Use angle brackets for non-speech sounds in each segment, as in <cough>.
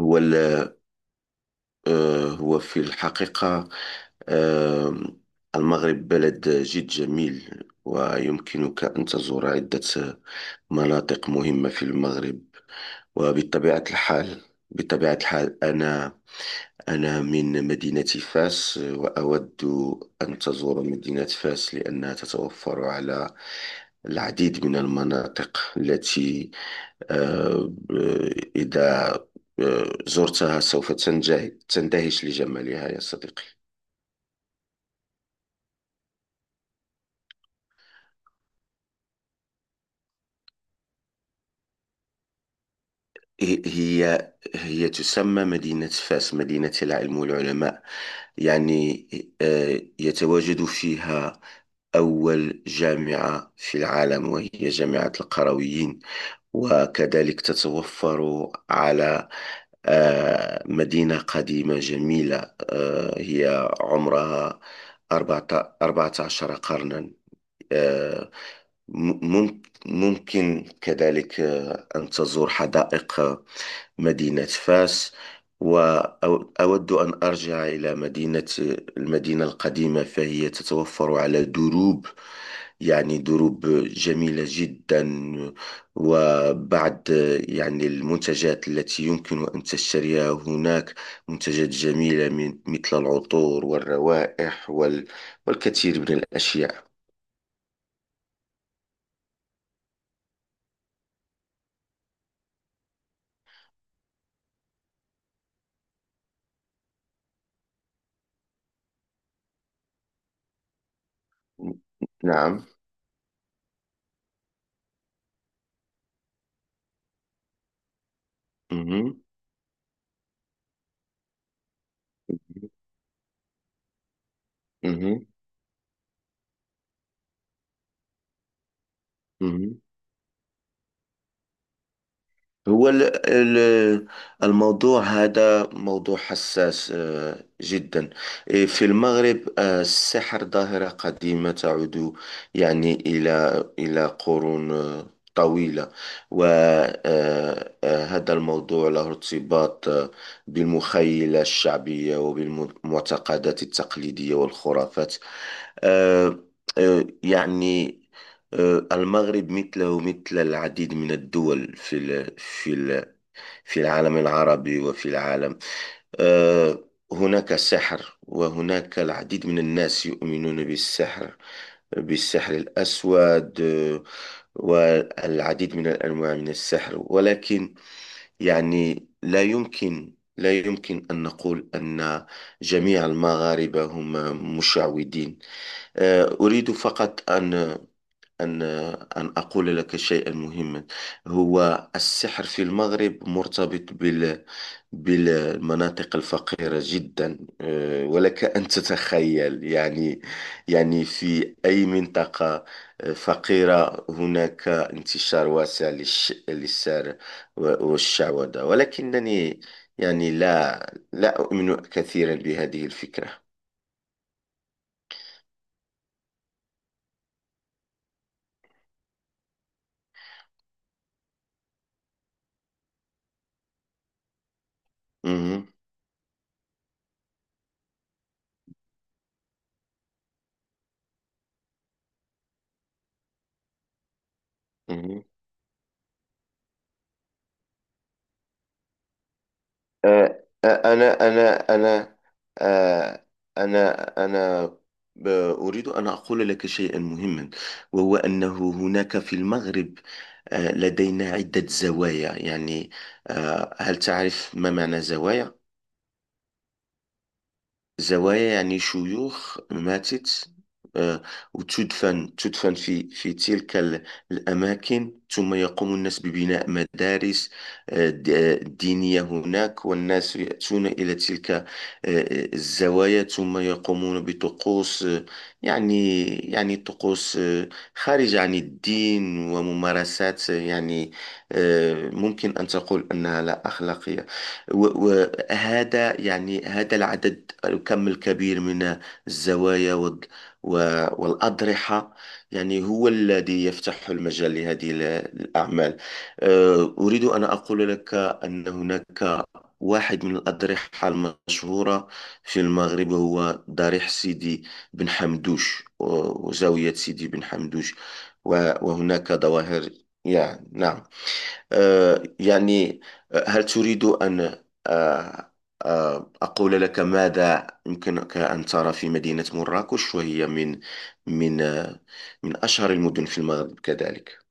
هو ال- هو في الحقيقة. آه، المغرب بلد جد جميل ويمكنك أن تزور عدة مناطق مهمة في المغرب. وبطبيعة الحال بطبيعة الحال أنا أنا من مدينة فاس، وأود أن تزور مدينة فاس لأنها تتوفر على العديد من المناطق التي آه، إذا زرتها سوف تندهش لجمالها يا صديقي. هي تسمى مدينة فاس، مدينة العلم والعلماء. يعني يتواجد فيها أول جامعة في العالم وهي جامعة القرويين، وكذلك تتوفر على مدينة قديمة جميلة. هي عمرها 14 قرنا. آه، ممكن كذلك أن تزور حدائق مدينة فاس. وأود أن أرجع إلى المدينة القديمة، فهي تتوفر على دروب، يعني دروب جميلة جدا، وبعض يعني المنتجات التي يمكن أن تشتريها هناك، منتجات جميلة من مثل العطور والروائح والكثير من الأشياء. نعم. مهم. مهم. مهم. هو ال- ال- الموضوع هذا موضوع حساس جدا. إيه، في المغرب السحر ظاهرة قديمة تعود يعني إلى قرون طويلة. وهذا الموضوع له ارتباط بالمخيلة الشعبية وبالمعتقدات التقليدية والخرافات. آه، يعني المغرب مثله ومثل العديد من الدول في العالم العربي وفي العالم. آه، هناك سحر وهناك العديد من الناس يؤمنون بالسحر، بالسحر الأسود والعديد من الأنواع من السحر، ولكن يعني لا يمكن أن نقول أن جميع المغاربة هم مشعوذين. أريد فقط أن أن أن أقول لك شيئا مهما. هو السحر في المغرب مرتبط بالمناطق الفقيرة جدا. ولك أن تتخيل، يعني يعني في أي منطقة فقيرة هناك انتشار واسع للسحر والشعوذة، ولكنني يعني لا أؤمن كثيرا بهذه الفكرة. مهم. مهم. أنا أنا، آه، أنا أنا ب- أريد أن أقول لك شيئا مهما، وهو أنه هناك في المغرب لدينا عدة زوايا. يعني هل تعرف ما معنى زوايا؟ زوايا يعني شيوخ ماتت آه، وتدفن في الأماكن، ثم يقوم الناس ببناء مدارس دينية هناك، والناس يأتون إلى تلك الزوايا، ثم يقومون بطقوس يعني يعني طقوس خارجة عن الدين وممارسات يعني ممكن أن تقول أنها لا أخلاقية. وهذا يعني هذا الكم الكبير من الزوايا والأضرحة يعني هو الذي يفتح المجال لهذه الأعمال. أريد أن أقول لك أن هناك واحد من الأضرحة المشهورة في المغرب، هو ضريح سيدي بن حمدوش وزاوية سيدي بن حمدوش. و- وهناك ظواهر، يعني نعم. يعني هل تريد أن آه، أقول لك ماذا يمكنك أن ترى في مدينة مراكش؟ وهي من من آه، من أشهر المدن في المغرب كذلك.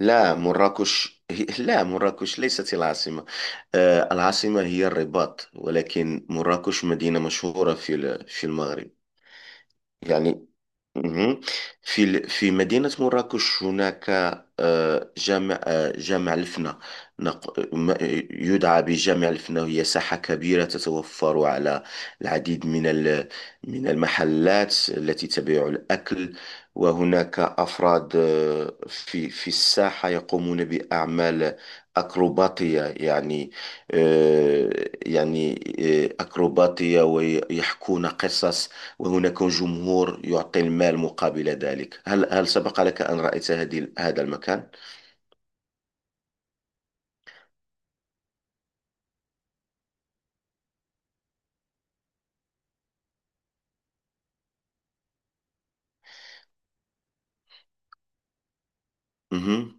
لا، مراكش <laughs> لا، مراكش ليست العاصمة. العاصمة هي الرباط، ولكن مراكش مدينة مشهورة في المغرب. يعني مهم. في مدينة مراكش هناك جامع الفنا، نق- ما- يدعى بجامع الفنا. هي ساحة كبيرة تتوفر على العديد من المحلات التي تبيع الأكل، وهناك أفراد في الساحة يقومون بأعمال أكروباتية، يعني آه، يعني أكروباتية، ويحكون قصص، وهناك جمهور يعطي المال مقابل ذلك. هل سبق لك أن رأيت هذا المكان؟ مهم.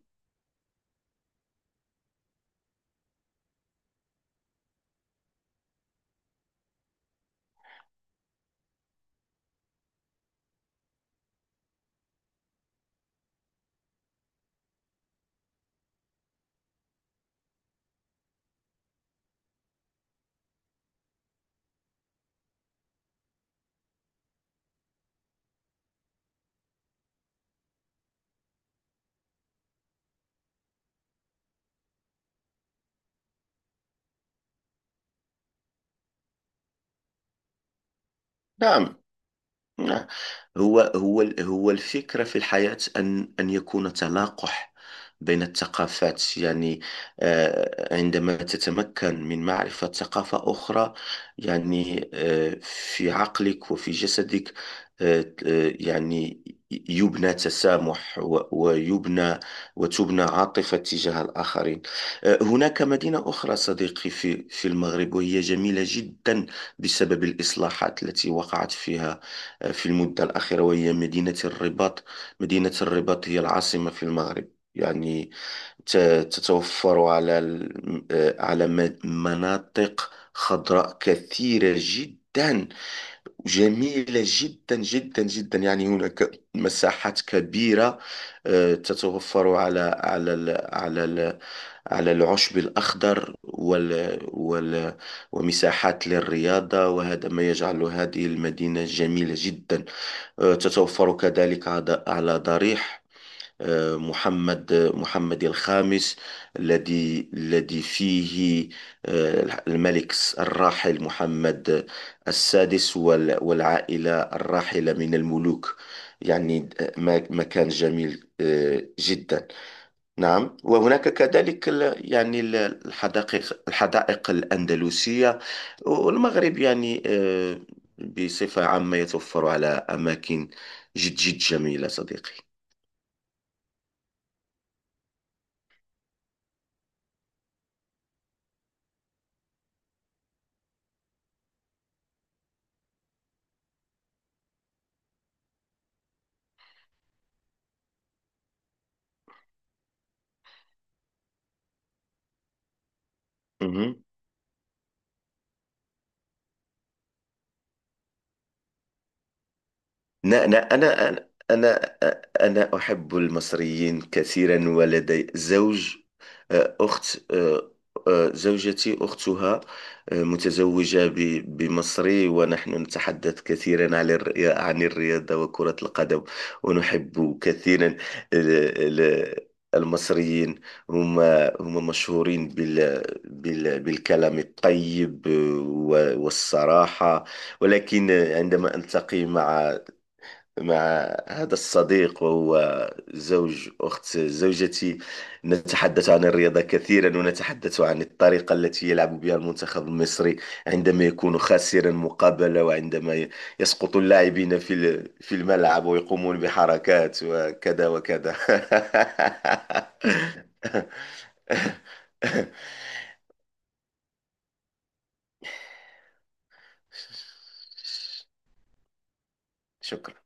نعم. نعم. هو الفكرة في الحياة أن يكون تلاقح بين الثقافات. يعني عندما تتمكن من معرفة ثقافة أخرى، يعني في عقلك وفي جسدك يعني يبنى تسامح ويبنى وتبنى عاطفة تجاه الآخرين. هناك مدينة أخرى صديقي في المغرب، وهي جميلة جدا بسبب الإصلاحات التي وقعت فيها في المدة الأخيرة، وهي مدينة الرباط. مدينة الرباط هي العاصمة في المغرب. يعني ت- تتوفر على ال- آه، على م- مناطق خضراء كثيرة جدا، جميلة جدا جدا جدا. يعني هناك مساحات كبيرة تتوفر على على العشب الأخضر وال وال ومساحات للرياضة، وهذا ما يجعل هذه المدينة جميلة جدا. تتوفر كذلك على ضريح محمد الخامس، الذي فيه الملك الراحل محمد السادس والعائلة الراحلة من الملوك. يعني ما كان جميل جدا. نعم، وهناك كذلك الحدائق الحدائق الأندلسية. والمغرب يعني بصفة عامة يتوفر على أماكن جد جد جميلة صديقي. مهم. لا، أنا أنا أحب المصريين كثيرا، ولدي زوج آه، أخت آه، آه، زوجتي أختها متزوجة بمصري، ونحن نتحدث كثيرا عن الرياضة وكرة القدم، ونحب كثيرا ال- المصريين. هم هم مشهورين بالكلام الطيب والصراحة، ولكن عندما ألتقي مع هذا الصديق، وهو زوج أخت زوجتي، نتحدث عن الرياضة كثيرا، ونتحدث عن الطريقة التي يلعب بها المنتخب المصري عندما يكون خاسرا مقابلة، وعندما يسقط اللاعبين في الملعب ويقومون بحركات وكذا وكذا <laughs> شكرا.